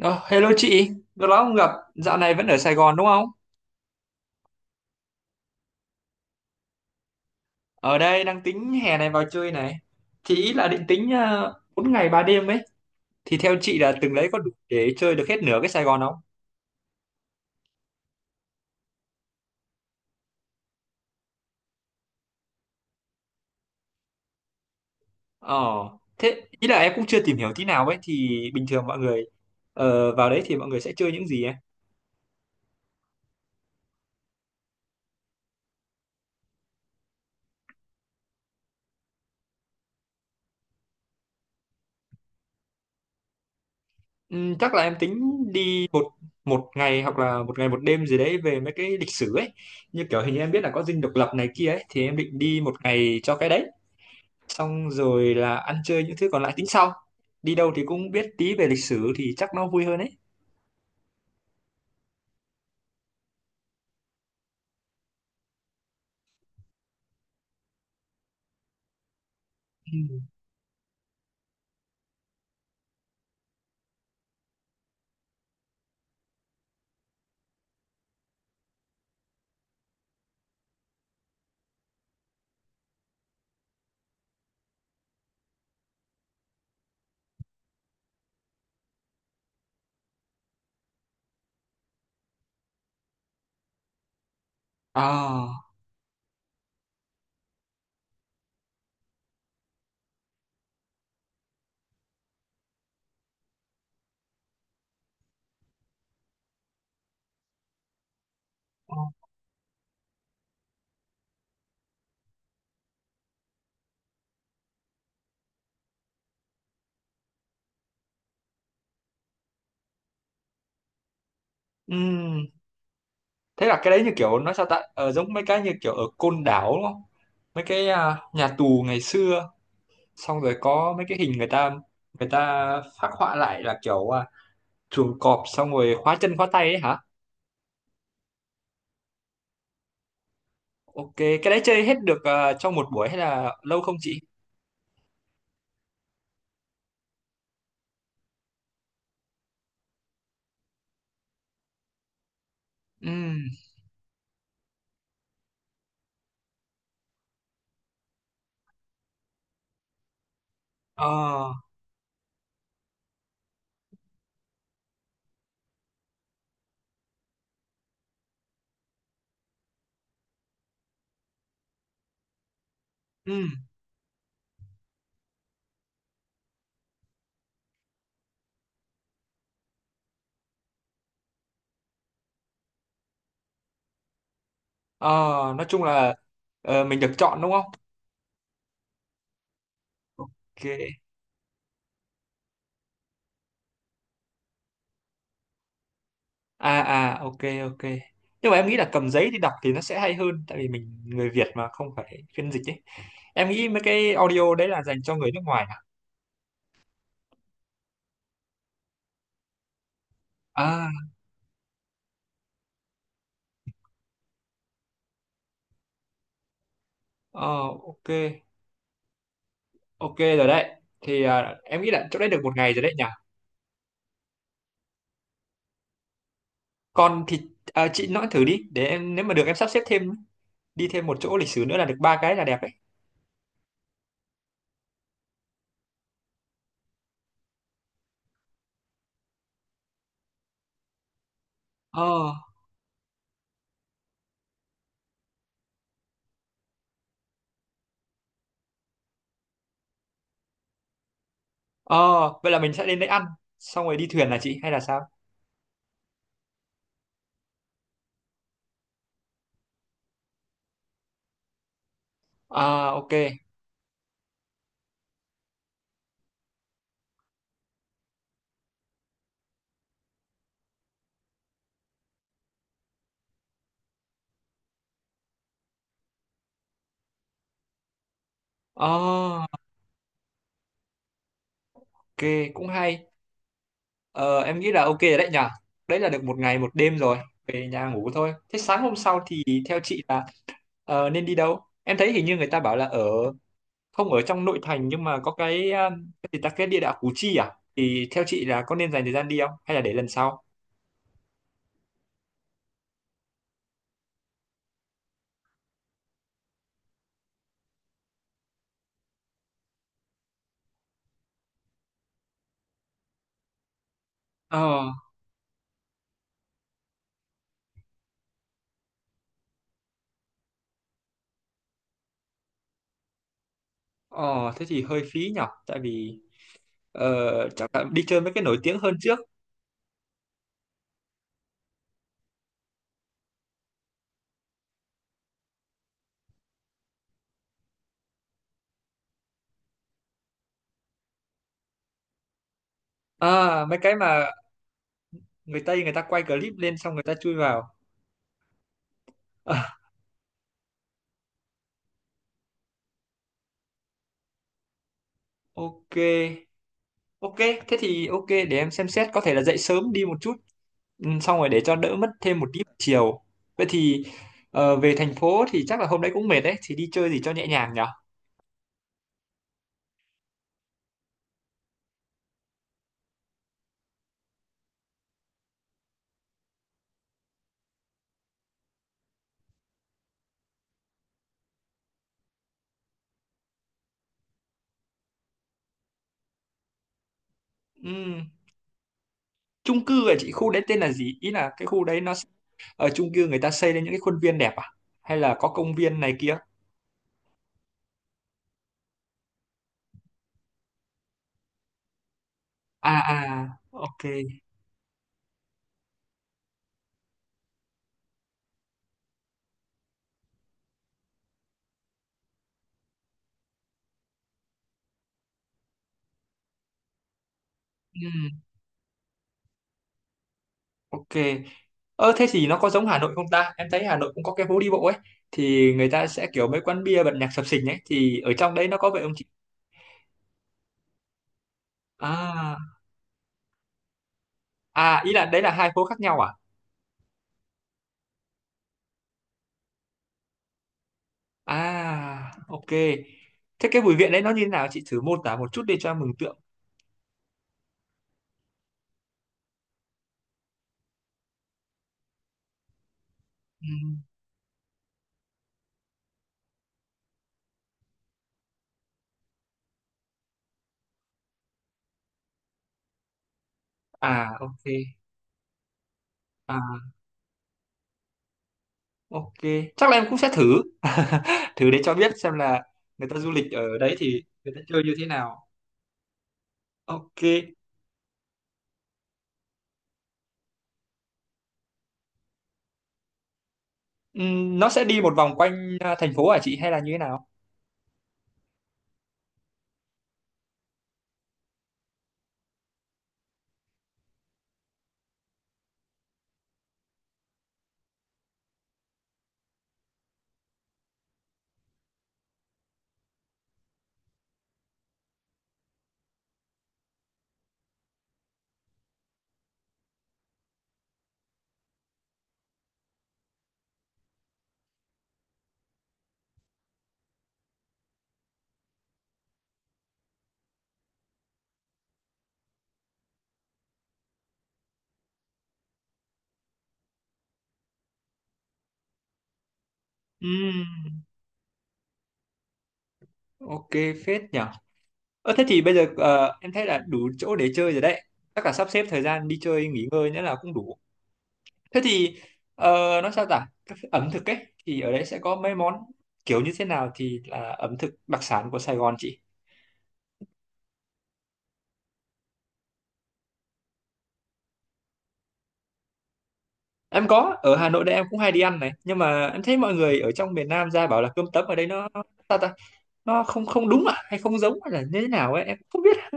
Ờ, hello chị, lâu lắm không gặp, dạo này vẫn ở Sài Gòn đúng không? Ở đây đang tính hè này vào chơi này. Chị ý là định tính 4 ngày 3 đêm ấy, thì theo chị là từng đấy có đủ để chơi được hết nửa cái Sài Gòn không? Ờ, thế ý là em cũng chưa tìm hiểu tí nào ấy, thì bình thường mọi người vào đấy thì mọi người sẽ chơi những gì ấy? Chắc là em tính đi một một ngày hoặc là một ngày một đêm gì đấy về mấy cái lịch sử ấy. Như kiểu hình như em biết là có Dinh Độc Lập này kia ấy, thì em định đi một ngày cho cái đấy. Xong rồi là ăn chơi những thứ còn lại tính sau. Đi đâu thì cũng biết tí về lịch sử thì chắc nó vui hơn ấy. Ừ. À, ừ. Thế là cái đấy như kiểu nói sao ta, giống mấy cái như kiểu ở Côn Đảo đúng không? Mấy cái, à, nhà tù ngày xưa, xong rồi có mấy cái hình người ta phác họa lại là kiểu, à, chuồng cọp xong rồi khóa chân khóa tay ấy hả? Ok, cái đấy chơi hết được à, trong một buổi hay là lâu không chị? Ừ. Ờ. Ừ. Ờ. Nói chung là mình được chọn đúng không? Ok. À, à, ok, ok. Nhưng mà em nghĩ là cầm giấy đi đọc thì nó sẽ hay hơn, tại vì mình người Việt mà không phải phiên dịch ấy. Em nghĩ mấy cái audio đấy là dành cho người nước ngoài. À, à, ờ, ok. Ok rồi đấy. Thì à, em nghĩ là chỗ đấy được một ngày rồi đấy nhỉ. Còn thì à, chị nói thử đi để em nếu mà được em sắp xếp thêm, đi thêm một chỗ lịch sử nữa là được ba cái là đẹp đấy. Ờ. Ờ. Vậy là mình sẽ đến đấy ăn xong rồi đi thuyền là chị hay là sao? À, ok. Ờ, ok, cũng hay. Ờ, em nghĩ là ok rồi đấy nhở. Đấy là được một ngày một đêm rồi, về nhà ngủ thôi. Thế sáng hôm sau thì theo chị là nên đi đâu? Em thấy hình như người ta bảo là ở, không ở trong nội thành nhưng mà có cái gì ta, cái địa đạo Củ Chi à? Thì theo chị là có nên dành thời gian đi không? Hay là để lần sau? Ờ, ờ thế thì hơi phí nhở. Tại vì chắc là đi chơi mấy cái nổi tiếng hơn trước. À, mấy cái mà người Tây người ta quay clip lên xong người ta chui vào. Ok. Ok, thế thì ok để em xem xét, có thể là dậy sớm đi một chút, ừ, xong rồi để cho đỡ mất thêm một tí buổi chiều. Vậy thì về thành phố thì chắc là hôm đấy cũng mệt đấy, thì đi chơi gì cho nhẹ nhàng nhở? Ừm, Chung cư ở chị khu đấy tên là gì? Ý là cái khu đấy ở chung cư người ta xây lên những cái khuôn viên đẹp à? Hay là có công viên này kia? À à, ok. Ừm, ok. Ơ, thế thì nó có giống Hà Nội không ta? Em thấy Hà Nội cũng có cái phố đi bộ ấy thì người ta sẽ kiểu mấy quán bia bật nhạc sập sình ấy thì ở trong đấy nó có vậy không chị? À, à, ý là đấy là hai phố khác nhau à? À, ok. Thế cái Bùi Viện đấy nó như thế nào, chị thử mô tả một chút đi cho em mường tượng. Ừ. À, ok. À, ok, chắc là em cũng sẽ thử thử để cho biết xem là người ta du lịch ở đấy thì người ta chơi như thế nào. Ok. Nó sẽ đi một vòng quanh à, thành phố hả chị hay là như thế nào? Ừm, ok, phết nhỉ. Ờ, thế thì bây giờ em thấy là đủ chỗ để chơi rồi đấy. Chắc là sắp xếp thời gian đi chơi nghỉ ngơi nữa là cũng đủ. Thế thì ờ, nói sao ta các ẩm thực ấy, thì ở đấy sẽ có mấy món kiểu như thế nào thì là ẩm thực đặc sản của Sài Gòn chị? Em có, ở Hà Nội đây em cũng hay đi ăn này, nhưng mà em thấy mọi người ở trong miền Nam ra bảo là cơm tấm ở đây nó, sao ta, nó không không đúng à, hay không giống, hay là như thế nào ấy, em không biết.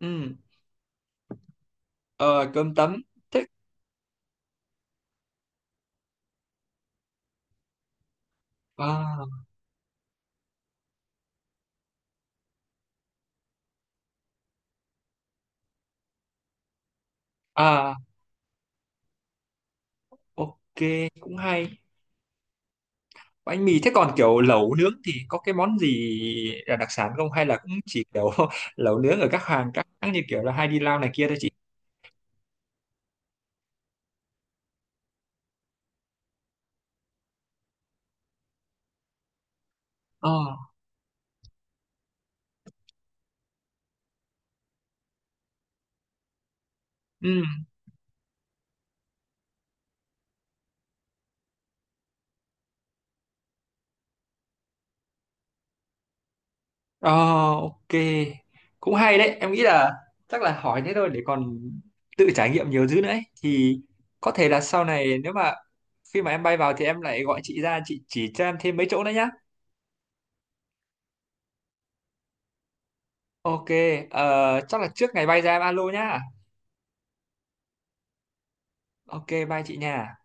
Ừ. ờ, Cơm tấm thế. À, à, ok, cũng hay. Bánh mì thế còn kiểu lẩu nướng thì có cái món gì là đặc sản không hay là cũng chỉ kiểu lẩu nướng ở các hàng các hãng như kiểu là Hai đi Lao này kia thôi chị? Ờ, ừ, ờ, ok, cũng hay đấy. Em nghĩ là chắc là hỏi thế thôi để còn tự trải nghiệm nhiều thứ nữa ấy. Thì có thể là sau này nếu mà khi mà em bay vào thì em lại gọi chị ra chị chỉ cho em thêm mấy chỗ nữa nhá. Ok, chắc là trước ngày bay ra em alo nhá. Ok, bye chị nha.